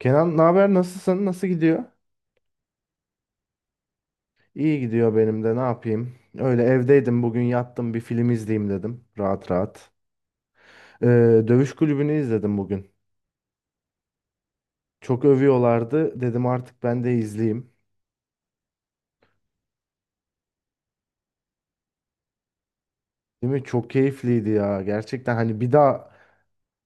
Kenan, ne haber? Nasılsın? Nasıl gidiyor? İyi gidiyor benim de. Ne yapayım? Öyle evdeydim bugün, yattım, bir film izleyeyim dedim. Rahat rahat. Ee, Dövüş Kulübü'nü izledim bugün. Çok övüyorlardı. Dedim artık ben de izleyeyim. Değil mi? Çok keyifliydi ya. Gerçekten hani bir daha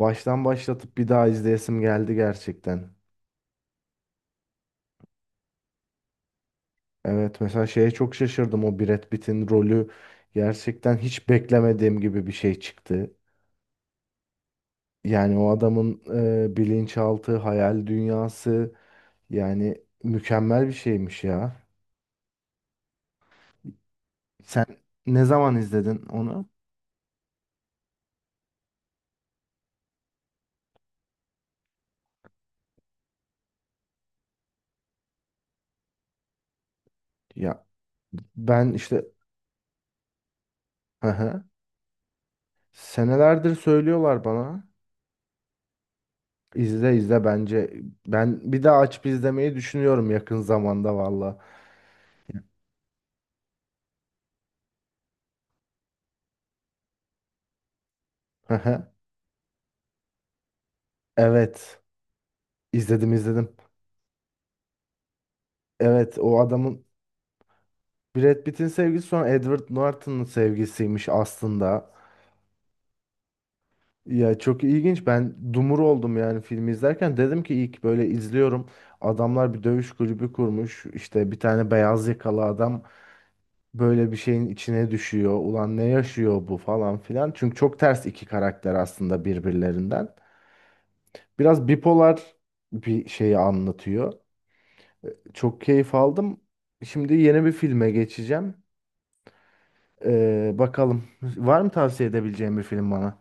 baştan başlatıp bir daha izleyesim geldi gerçekten. Evet, mesela şeye çok şaşırdım. O Brad Pitt'in rolü gerçekten hiç beklemediğim gibi bir şey çıktı. Yani o adamın bilinçaltı, hayal dünyası, yani mükemmel bir şeymiş ya. Sen ne zaman izledin onu? Ya ben işte, hı hı, senelerdir söylüyorlar bana. İzle izle bence. Ben bir daha açıp izlemeyi düşünüyorum yakın zamanda valla. Hı hı. Evet. izledim izledim. Evet, o adamın, Brad Pitt'in sevgisi sonra Edward Norton'un sevgisiymiş aslında. Ya çok ilginç. Ben dumur oldum yani filmi izlerken. Dedim ki ilk böyle izliyorum. Adamlar bir dövüş kulübü kurmuş. İşte bir tane beyaz yakalı adam böyle bir şeyin içine düşüyor. Ulan ne yaşıyor bu falan filan. Çünkü çok ters iki karakter aslında birbirlerinden. Biraz bipolar bir şeyi anlatıyor. Çok keyif aldım. Şimdi yeni bir filme geçeceğim. Bakalım. Var mı tavsiye edebileceğim bir film bana?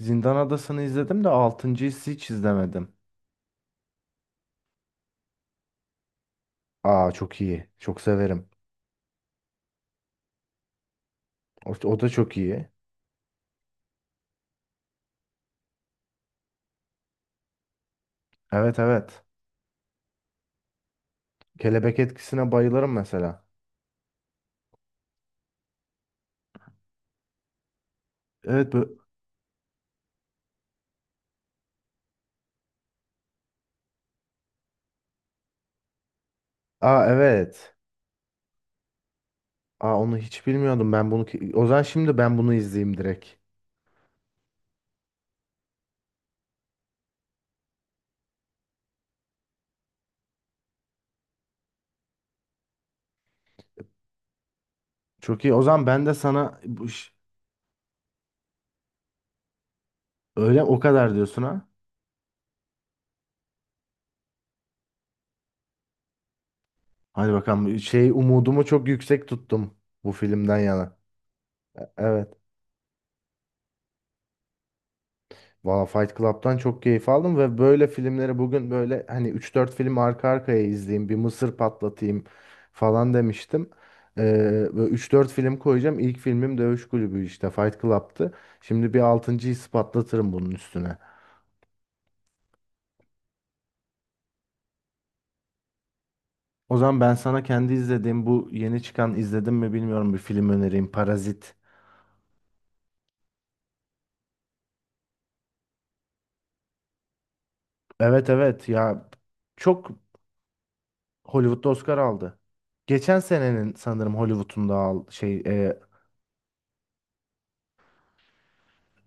Zindan Adası'nı izledim de 6.'yı.'yı hiç izlemedim. Aa çok iyi. Çok severim. O, o da çok iyi. Evet evet. Kelebek etkisine bayılırım mesela. Evet bu. Aa evet. Aa onu hiç bilmiyordum ben bunu. Ki- O zaman şimdi ben bunu izleyeyim direkt. Çok iyi. O zaman ben de sana bu ş- öyle o kadar diyorsun ha. Hadi bakalım, şey, umudumu çok yüksek tuttum bu filmden yana. Evet. Valla Fight Club'tan çok keyif aldım ve böyle filmleri bugün böyle hani üç dört film arka arkaya izleyeyim, bir mısır patlatayım falan demiştim. Böyle üç dört film koyacağım. İlk filmim Dövüş Kulübü, işte Fight Club'tı. Şimdi bir 6.'yı.'yı patlatırım bunun üstüne. O zaman ben sana kendi izlediğim bu yeni çıkan, izledim mi bilmiyorum, bir film önereyim: Parazit. Evet evet ya, çok Hollywood'da Oscar aldı. Geçen senenin sanırım Hollywood'un da al şey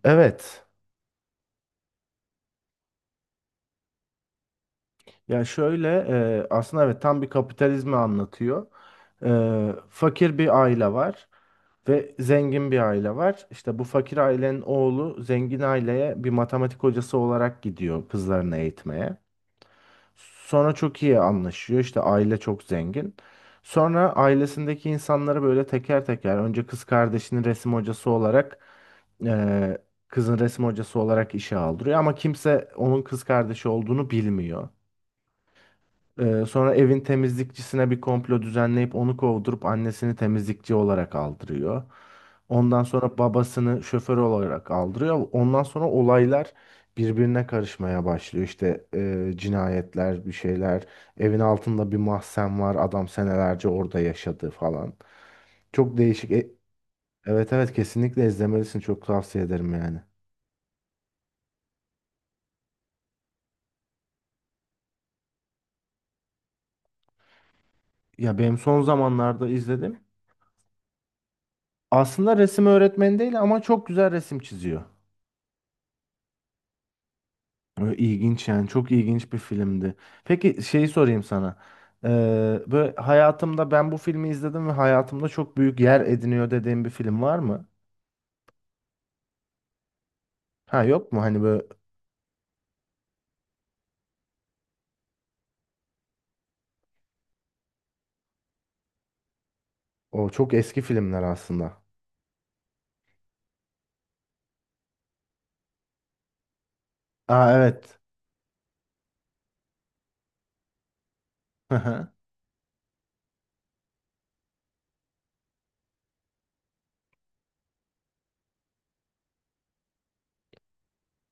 evet. Ya şöyle, aslında evet, tam bir kapitalizmi anlatıyor. E, fakir bir aile var ve zengin bir aile var. İşte bu fakir ailenin oğlu zengin aileye bir matematik hocası olarak gidiyor kızlarını eğitmeye. Sonra çok iyi anlaşıyor. İşte aile çok zengin. Sonra ailesindeki insanları böyle teker teker, önce kız kardeşinin resim hocası olarak, e, kızın resim hocası olarak işe aldırıyor ama kimse onun kız kardeşi olduğunu bilmiyor. Sonra evin temizlikçisine bir komplo düzenleyip onu kovdurup annesini temizlikçi olarak aldırıyor. Ondan sonra babasını şoför olarak aldırıyor. Ondan sonra olaylar birbirine karışmaya başlıyor. İşte cinayetler, bir şeyler. Evin altında bir mahzen var. Adam senelerce orada yaşadı falan. Çok değişik. Evet evet, kesinlikle izlemelisin. Çok tavsiye ederim yani. Ya benim son zamanlarda izledim. Aslında resim öğretmeni değil ama çok güzel resim çiziyor. Ö, İlginç yani çok ilginç bir filmdi. Peki şeyi sorayım sana. Ee, böyle hayatımda ben bu filmi izledim ve hayatımda çok büyük yer ediniyor dediğim bir film var mı? Ha, yok mu? Hani böyle o çok eski filmler aslında. Aa evet. Hı hı.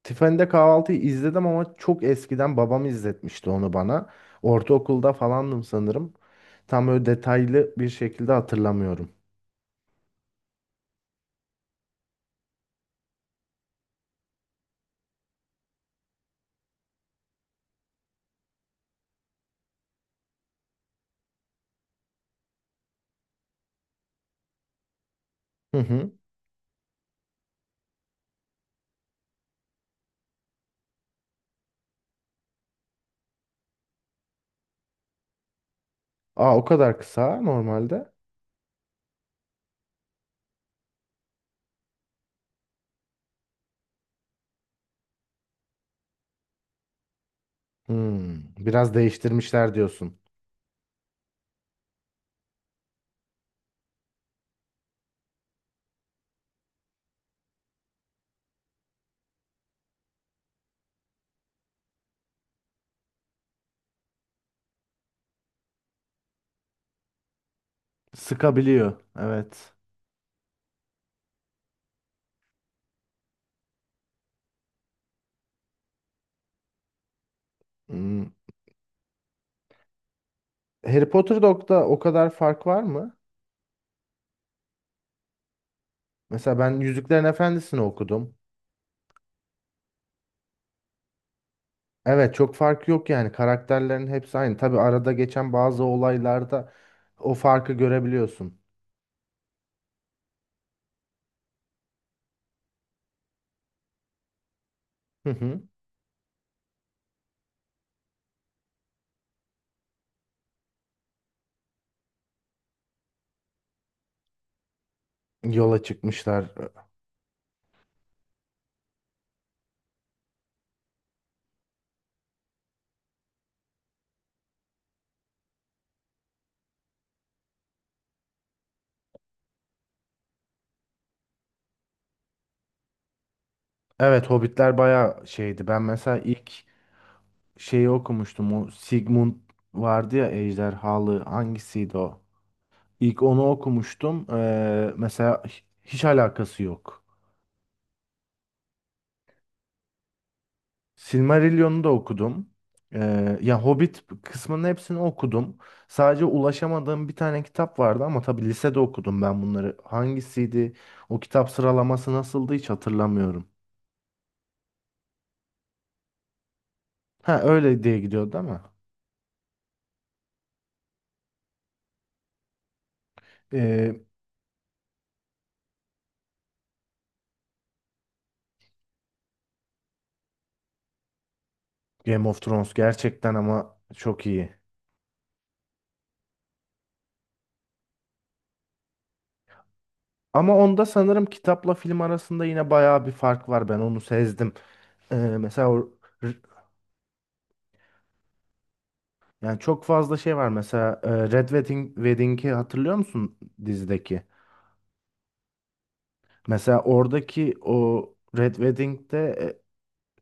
Tiffany'de Kahvaltı'yı izledim ama çok eskiden babam izletmişti onu bana. Ortaokulda falandım sanırım. Tam böyle detaylı bir şekilde hatırlamıyorum. Hı hı. Aa, o kadar kısa normalde. Hmm, biraz değiştirmişler diyorsun. Sıkabiliyor. Evet. Hmm. Harry Potter Dog'da o kadar fark var mı? Mesela ben Yüzüklerin Efendisi'ni okudum. Evet çok fark yok yani, karakterlerin hepsi aynı. Tabii arada geçen bazı olaylarda o farkı görebiliyorsun. Hı hı. Yola çıkmışlar. Evet, Hobbitler bayağı şeydi. Ben mesela ilk şeyi okumuştum. O Sigmund vardı ya, ejderhalı, hangisiydi o? İlk onu okumuştum. Mesela hiç alakası yok. Silmarillion'u da okudum. Ya Hobbit kısmının hepsini okudum. Sadece ulaşamadığım bir tane kitap vardı ama tabii lisede okudum ben bunları. Hangisiydi? O kitap sıralaması nasıldı hiç hatırlamıyorum. Ha, öyle diye gidiyordu ama. Ee, Game of Thrones gerçekten ama çok iyi. Ama onda sanırım kitapla film arasında yine bayağı bir fark var. Ben onu sezdim. Ee, mesela o- yani çok fazla şey var. Mesela Red Wedding, Wedding'i hatırlıyor musun dizideki? Mesela oradaki o Red Wedding'de,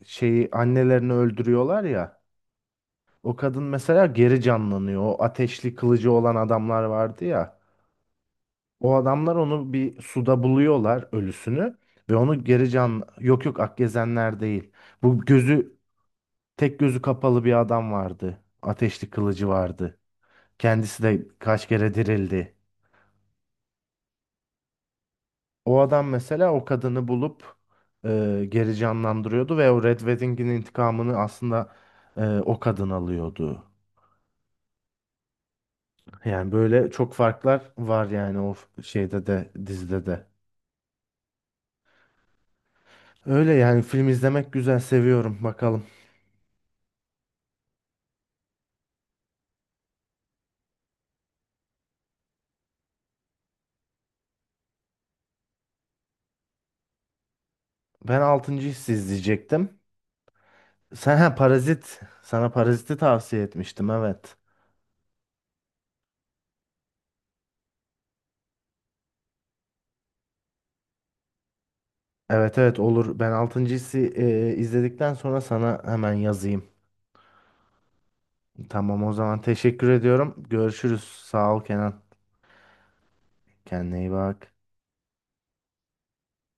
şeyi, annelerini öldürüyorlar ya. O kadın mesela geri canlanıyor. O ateşli kılıcı olan adamlar vardı ya. O adamlar onu bir suda buluyorlar, ölüsünü, ve onu geri can, yok yok, Akgezenler değil. Bu gözü, tek gözü kapalı bir adam vardı. Ateşli kılıcı vardı. Kendisi de kaç kere dirildi. O adam mesela o kadını bulup geri canlandırıyordu ve o Red Wedding'in intikamını aslında o kadın alıyordu. Yani böyle çok farklar var yani, o şeyde de, dizide de. Öyle yani, film izlemek güzel, seviyorum, bakalım. Ben 6. Hissi izleyecektim. Sen ha, Parazit. Sana Parazit'i tavsiye etmiştim, evet. Evet evet, olur. Ben 6. Hissi izledikten sonra sana hemen yazayım. Tamam, o zaman teşekkür ediyorum. Görüşürüz. Sağ ol Kenan. Kendine iyi bak.